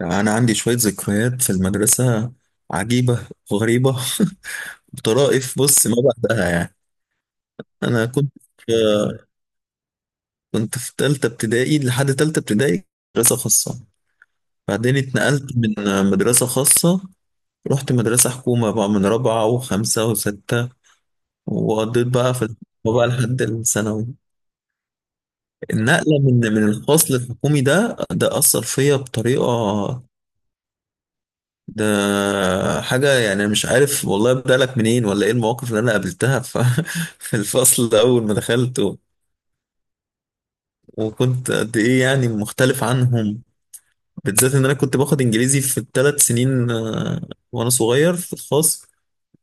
أنا عندي شوية ذكريات في المدرسة عجيبة وغريبة. بطرائف بص ما بعدها يعني. أنا كنت في تالتة ابتدائي لحد تالتة ابتدائي، مدرسة خاصة. بعدين اتنقلت من مدرسة خاصة، رحت مدرسة حكومة بقى من رابعة وخمسة وستة، وقضيت بقى في الحكومة بقى لحد الثانوي. النقلة من الخاص للحكومي ده أثر فيا بطريقة. ده حاجة، يعني أنا مش عارف والله أبدأ لك منين ولا إيه المواقف اللي أنا قابلتها. في الفصل أول ما دخلت، و- وكنت قد إيه يعني مختلف عنهم، بالذات إن أنا كنت باخد إنجليزي في الثلاث سنين، وأنا صغير في الخاص.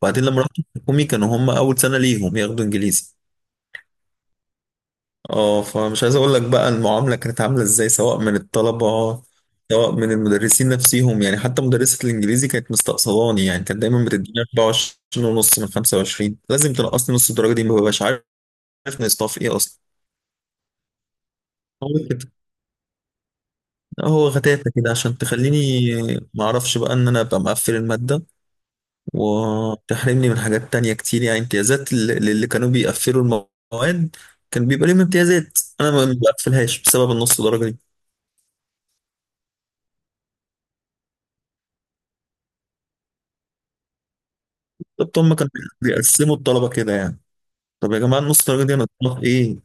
وبعدين لما رحت الحكومي كانوا هم أول سنة ليهم ياخدوا إنجليزي. اه فمش عايز اقول لك بقى المعامله كانت عامله ازاي، سواء من الطلبه سواء من المدرسين نفسهم. يعني حتى مدرسه الانجليزي كانت مستقصداني، يعني كانت دايما بتديني 24 ونص من 25. لازم تنقصني نص الدرجه دي، ما ببقاش عارف نقصتها في ايه اصلا. هو كده، هو غتاتة كده عشان تخليني ما اعرفش بقى ان انا ابقى مقفل الماده، وتحرمني من حاجات تانية كتير، يعني امتيازات للي كانوا بيقفلوا المواد كان بيبقى ليهم امتيازات، انا ما بقفلهاش بسبب النص درجه. بالظبط، هم كانوا بيقسموا الطلبة كده يعني. طب يا جماعة، النص درجة دي أنا في إيه؟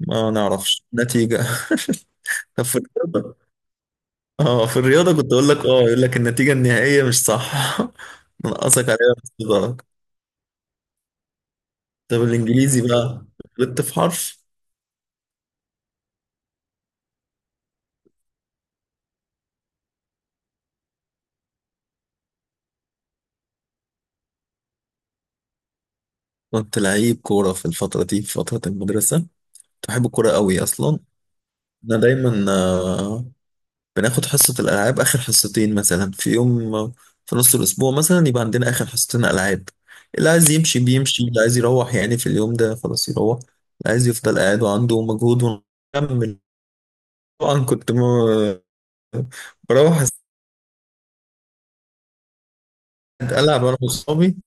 ما نعرفش نتيجة. طب في الرياضة، آه في الرياضة كنت أقول لك، آه يقول لك النتيجة النهائية مش صح. نقصك عليها نص درجة. طب الإنجليزي بقى غلطت في حرف. كنت لعيب كورة في الفترة دي، في فترة المدرسة كنت بحب الكورة قوي أصلا. أنا دايما بناخد حصة الألعاب آخر حصتين، مثلا في يوم، في نص الأسبوع مثلا يبقى عندنا آخر حصتين ألعاب. اللي عايز يمشي بيمشي، اللي عايز يروح يعني في اليوم ده خلاص يروح، اللي عايز يفضل قاعد وعنده مجهود ونكمل. طبعا كنت بروح ألعب أنا وأصحابي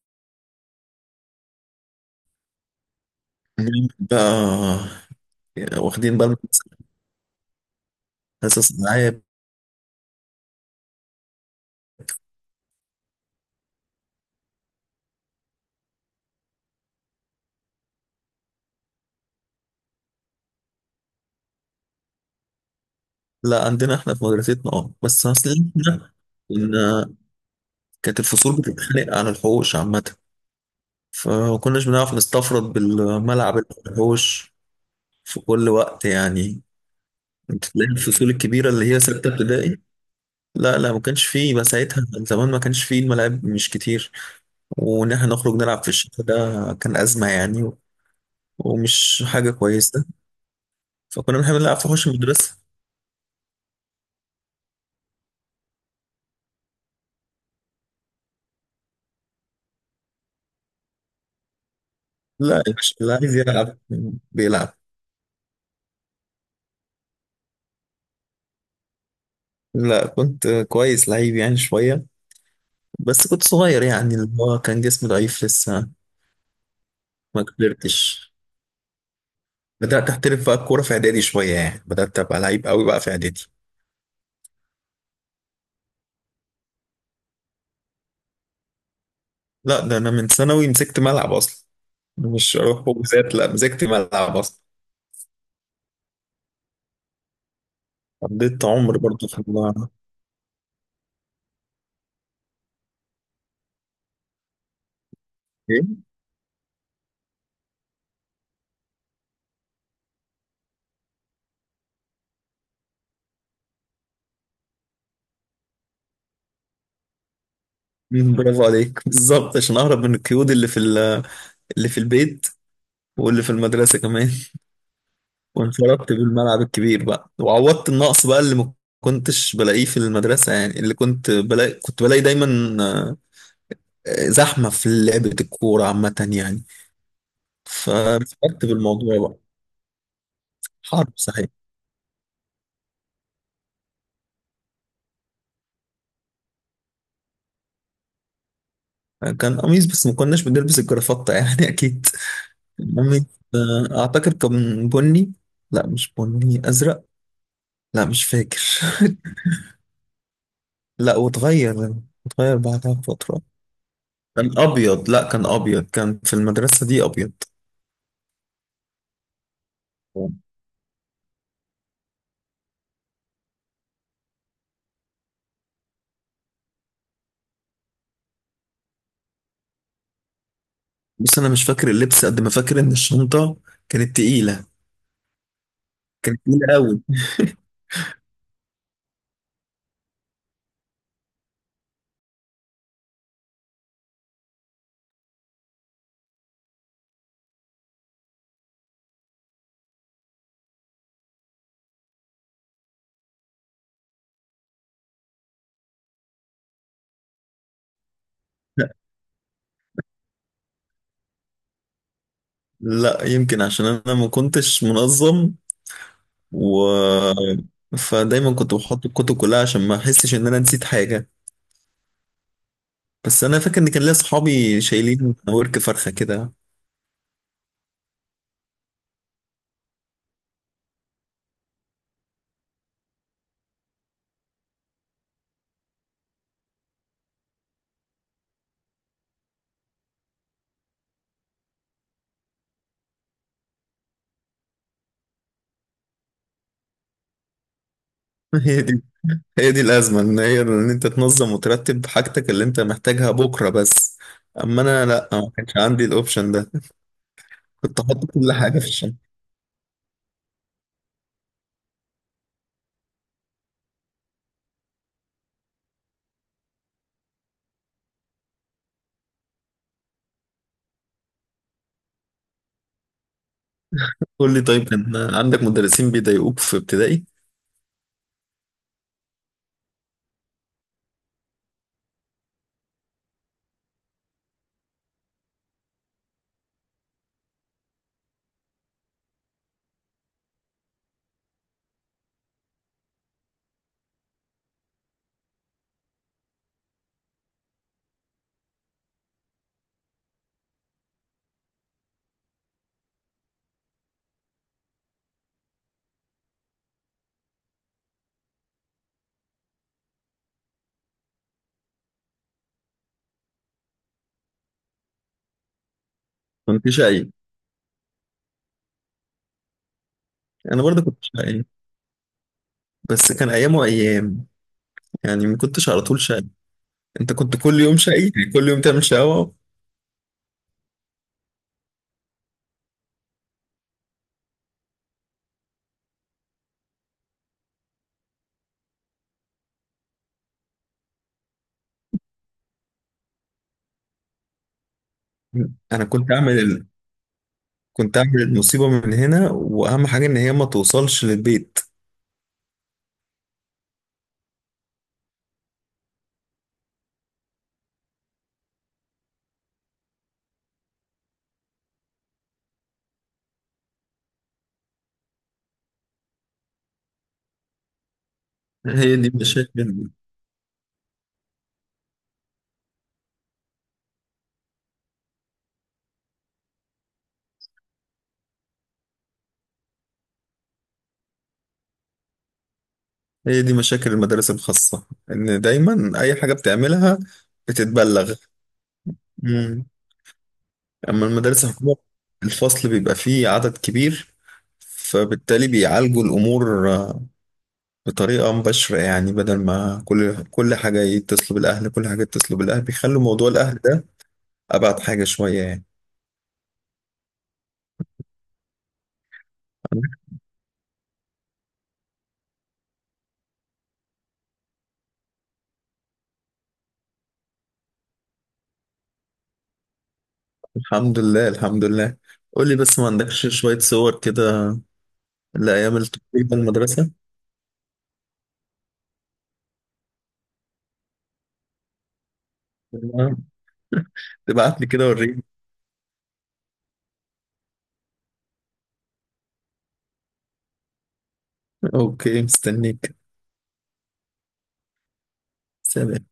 بقى، واخدين بالنا من حصص الألعاب. لا عندنا احنا في مدرستنا اه، بس اصل إحنا كنا كانت الفصول بتتخانق على الحوش عامة. فما كناش بنعرف نستفرد بالملعب، الحوش، في كل وقت يعني. انت تلاقي الفصول الكبيرة اللي هي ستة ابتدائي. لا لا، ما كانش فيه بقى ساعتها زمان، ما كانش فيه الملاعب مش كتير. وإن احنا نخرج نلعب في الشتاء ده كان أزمة يعني، ومش حاجة كويسة. فكنا بنحب نلعب في حوش المدرسة. لا يا باشا، اللي عايز يلعب بيلعب. لا كنت كويس، لعيب يعني شوية، بس كنت صغير يعني اللي هو كان جسمي ضعيف لسه، ما كبرتش. بدأت أحترف بقى الكورة في إعدادي شوية يعني، بدأت أبقى لعيب قوي بقى في إعدادي. لا ده أنا من ثانوي مسكت ملعب أصلا، مش أروح حجوزات، لا مسكت ملعب أصلا. قضيت عمر برضه في الملعب. إيه؟ مم، برافو عليك. بالظبط عشان أهرب من القيود اللي في اللي في البيت، واللي في المدرسة كمان. وانفردت بالملعب الكبير بقى، وعوضت النقص بقى اللي ما كنتش بلاقيه في المدرسة، يعني اللي كنت بلاقي كنت بلاقي دايما زحمة في لعبة الكورة عامة يعني. فانفردت بالموضوع بقى. حرب صحيح. كان قميص، بس ما كناش بنلبس الجرافطة يعني، أكيد. قميص، أعتقد كان بني. لا مش بني، أزرق. لا مش فاكر. لا واتغير، اتغير بعدها بفترة. كان أبيض. لا كان أبيض، كان في المدرسة دي أبيض. بس أنا مش فاكر اللبس قد ما فاكر إن الشنطة كانت تقيلة، كانت تقيلة أوي. لا يمكن عشان أنا ما كنتش منظم، و فدايما كنت بحط الكتب كلها عشان ما أحسش إن أنا نسيت حاجة. بس انا فاكر ان كان ليا صحابي شايلين ورك فرخه كده. هي دي هي دي الازمه، ان هي ان انت تنظم وترتب حاجتك اللي انت محتاجها بكره بس. اما انا لا، ما كانش عندي الاوبشن ده. كنت احط كل حاجه في الشنطه. قول لي طيب، كان عندك مدرسين بيضايقوك في ابتدائي؟ كنت شقي. انا برضه كنت شقي، بس كان ايام وايام يعني، ما كنتش على طول شقي. انت كنت كل يوم شقي يعني، كل يوم تعمل شقاوه. انا كنت اعمل ال... كنت اعمل المصيبه من هنا، واهم حاجه ان هي ما توصلش للبيت. هي دي مشاكل هي دي مشاكل المدارس الخاصة، إن دايما أي حاجة بتعملها بتتبلغ. مم. أما المدارس الحكومية الفصل بيبقى فيه عدد كبير، فبالتالي بيعالجوا الأمور بطريقة مباشرة. يعني بدل ما كل حاجة يتصلوا بالأهل، كل حاجة يتصلوا بالأهل، بيخلوا موضوع الأهل ده أبعد حاجة شوية يعني. الحمد لله، الحمد لله. قول لي بس، ما عندكش شوية صور كده لأيام التقريبا المدرسة؟ تمام. تبعت لي كده وريني. اوكي مستنيك. سلام.